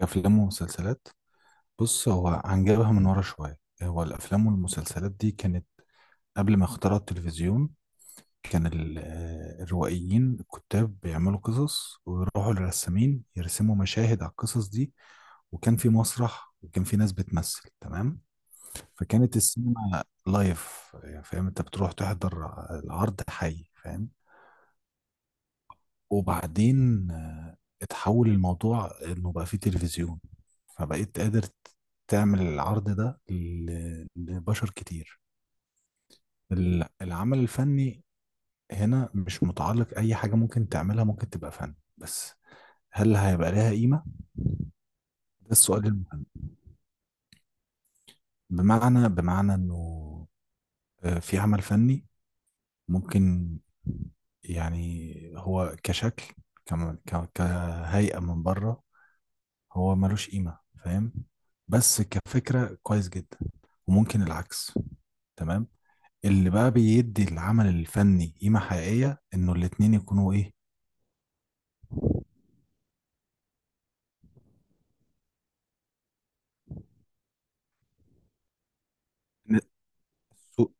أفلام ومسلسلات. بص، هو هنجيبها من ورا شوية. هو الأفلام والمسلسلات دي كانت قبل ما اخترعوا التلفزيون. كان الروائيين الكتاب بيعملوا قصص ويروحوا للرسامين يرسموا مشاهد على القصص دي. وكان في مسرح وكان في ناس بتمثل. تمام، فكانت السينما لايف، يعني فاهم؟ انت بتروح تحضر العرض حي، فاهم؟ وبعدين اتحول الموضوع انه بقى فيه تلفزيون، فبقيت قادر تعمل العرض ده لبشر كتير. العمل الفني هنا مش متعلق. اي حاجة ممكن تعملها ممكن تبقى فن، بس هل هيبقى لها قيمة؟ ده السؤال المهم. بمعنى انه في عمل فني ممكن يعني هو كشكل، كهيئة من بره، هو ملوش قيمة، فاهم؟ بس كفكرة كويس جدا. وممكن العكس. تمام. اللي بقى بيدي العمل الفني قيمة حقيقية انه الاتنين يكونوا ايه. إن الصو-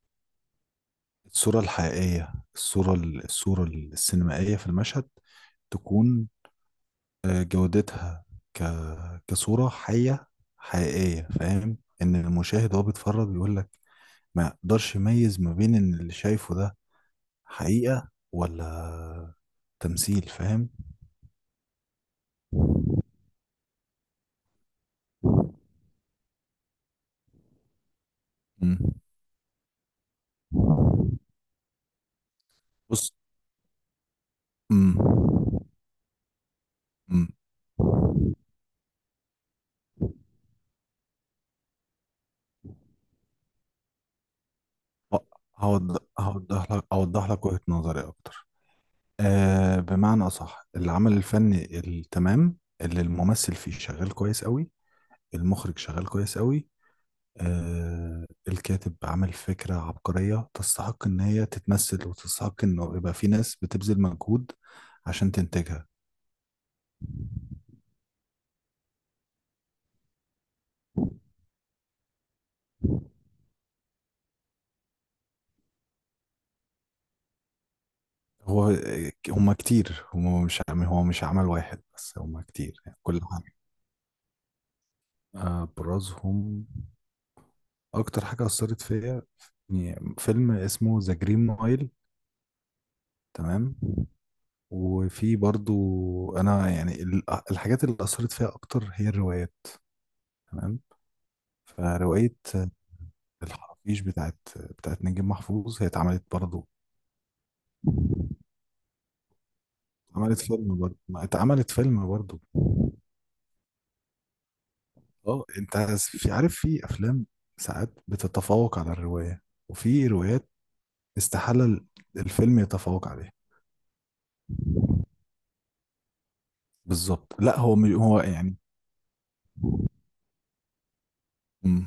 الصورة الحقيقية، الصورة الصورة السينمائية في المشهد تكون جودتها ك... كصورة حية حقيقية، فاهم؟ ان المشاهد وهو بيتفرج بيقول لك ما يقدرش يميز ما بين ان اللي شايفه ده حقيقة ولا تمثيل، فاهم؟ مم. بص. مم. مم. ه- هوضح لك، اوضح لك وجهة نظري اكتر. آه، بمعنى اصح، العمل الفني التمام اللي الممثل فيه شغال كويس قوي، المخرج شغال كويس قوي، آه الكاتب عمل فكرة عبقرية تستحق ان هي تتمثل وتستحق انه يبقى في ناس بتبذل مجهود عشان تنتجها. هو هما كتير، مش هو مش عمل واحد بس، هما كتير يعني كل. ابرزهم؟ اكتر حاجه اثرت فيا يعني فيلم اسمه ذا جرين مايل. تمام. وفي برضو، انا يعني الحاجات اللي اثرت فيها اكتر هي الروايات. تمام. فروايه الحرافيش بتاعت نجيب محفوظ هي اتعملت برضو. اتعملت فيلم برضو، ما اتعملت فيلم برضو. اه انت عايز- في، عارف في افلام ساعات بتتفوق على الروايه، وفي روايات استحاله الفيلم يتفوق عليها. بالظبط، لا هو مش هو يعني. مم.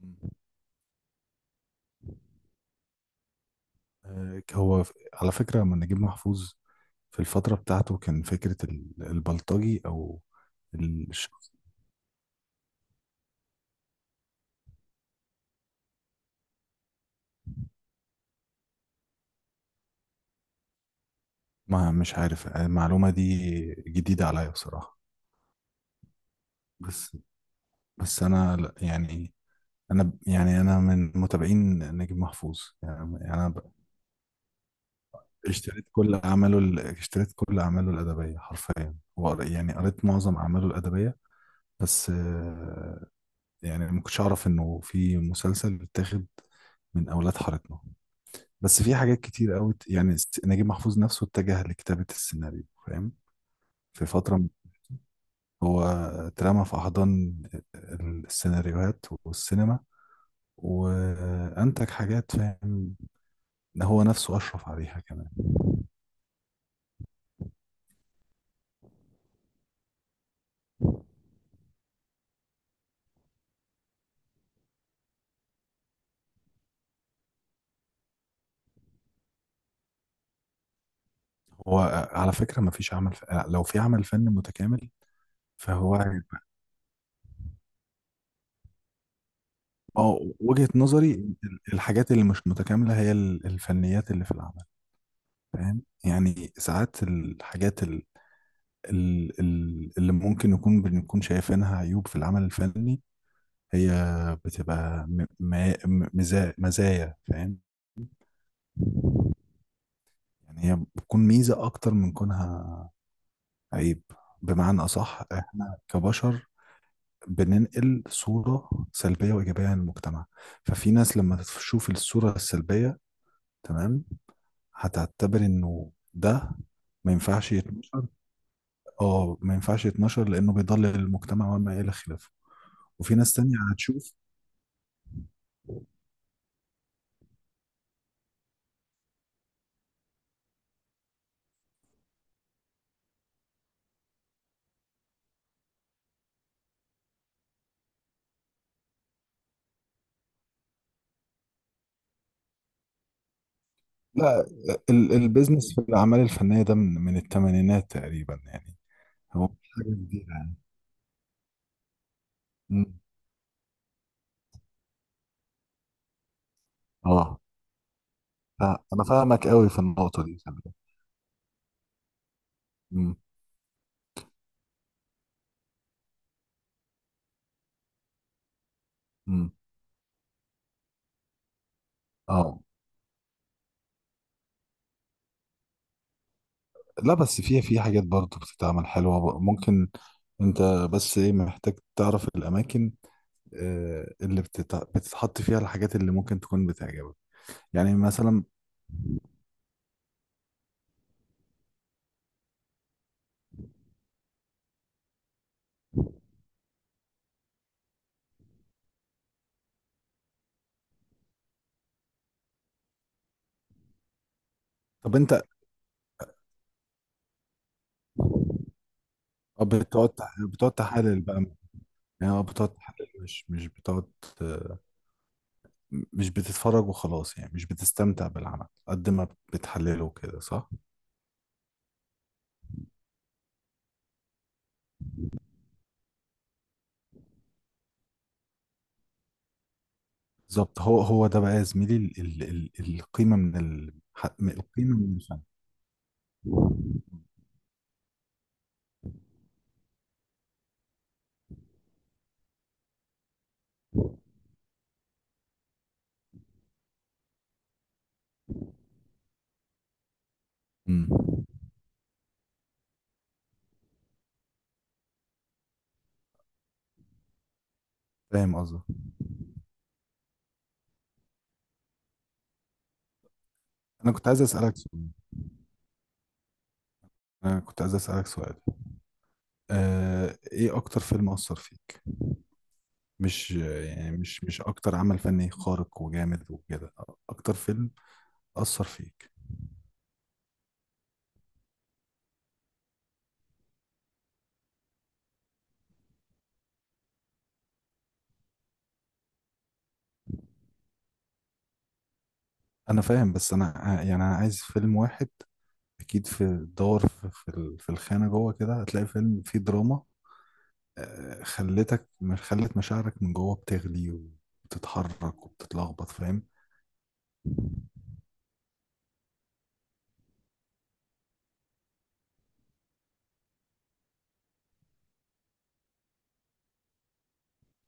مم. آه، هو ف- على فكرة من نجيب محفوظ في الفترة بتاعته كان فكرة البلطجي أو الشخص. ما مش عارف المعلومة دي جديدة عليا بصراحة. بس بس أنا لا- يعني أنا ب- يعني أنا من متابعين نجيب محفوظ، يعني يعني أنا ب- اشتريت كل أعماله اشتريت كل أعماله الأدبية حرفيا، وقر- يعني قريت معظم أعماله الأدبية. بس يعني ما كنتش اعرف انه في مسلسل بيتاخد من اولاد حارتنا. بس في حاجات كتير قوي، يعني س- نجيب محفوظ نفسه اتجه لكتابة السيناريو، فاهم؟ في فترة م- هو اترمى في احضان السيناريوهات والسينما، وانتج حاجات، فاهم؟ هو نفسه اشرف عليها كمان. هو على فكرة ما فيش عمل ف... لو في عمل فن متكامل فهو هيبقى- اه، وجهة نظري الحاجات اللي مش متكاملة هي الفنيات اللي في العمل، فاهم؟ يعني ساعات الحاجات اللي ممكن نكون بنكون شايفينها عيوب في العمل الفني هي بتبقى مزايا، فاهم؟ يعني هي بتكون ميزة أكتر من كونها عيب. بمعنى أصح، إحنا كبشر بننقل صورة سلبية وإيجابية عن المجتمع. ففي ناس لما تشوف الصورة السلبية، تمام، هتعتبر إنه ده ما ينفعش يتنشر. اه ما ينفعش يتنشر لانه بيضلل المجتمع وما الى خلافه. وفي ناس تانية هتشوف. لا، البيزنس في الاعمال الفنيه ده من الثمانينات تقريبا يعني. هو مش حاجه جديده يعني. مم. اه. انا فاهمك قوي في النقطه دي، خلي بالك. مم. مم. اه لا، بس في حاجات برضه بتتعمل حلوه، بق- ممكن انت، بس ايه، محتاج تعرف الاماكن اللي بتتع- بتتحط فيها الحاجات اللي ممكن تكون بتعجبك، يعني مثلا. طب انت اه بتقعد تح- بتقعد تحلل بقى، يعني اه بتقعد تحلل، مش بتقعد، آه، مش بتتفرج وخلاص، يعني مش بتستمتع بالعمل قد ما بتحلله كده، صح؟ بالظبط، هو ده بقى يا زميلي ال القيمة من القيمة من الفن. مم. فاهم قصدك. انا كنت عايز اسألك سؤال. انا كنت عايز اسألك سؤال. آه، ايه اكتر فيلم اثر فيك؟ مش يعني مش اكتر عمل فني خارق وجامد وكده. اكتر فيلم اثر فيك. انا فاهم بس انا ع- يعني انا عايز فيلم واحد. اكيد في الدور في في الخانه جوه كده هتلاقي فيلم فيه دراما خلتك، مش خلت مشاعرك من جوه بتغلي وبتتحرك وبتتلخبط، فاهم؟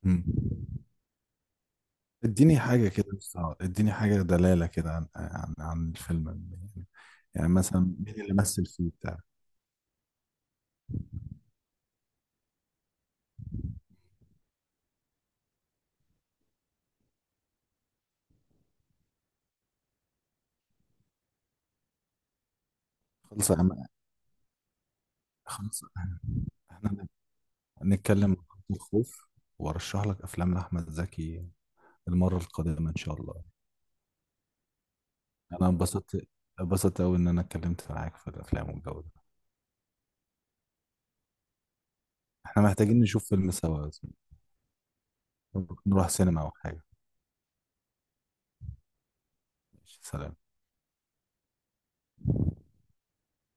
مم. اديني حاجه كده بس، اديني حاجه دلاله كده عن عن الفيلم يعني. يعني مثلا مين اللي مثل فيه بتاع. خلص يا عم، خلص. احنا نتكلم عن الخوف، وارشح لك افلام لاحمد زكي المره القادمه ان شاء الله. انا انبسطت، انبسطت قوي ان انا اتكلمت معاك في الافلام والجو ده. احنا محتاجين نشوف فيلم سوا يا زميلي. نروح سينما او حاجه. ماشي، سلام.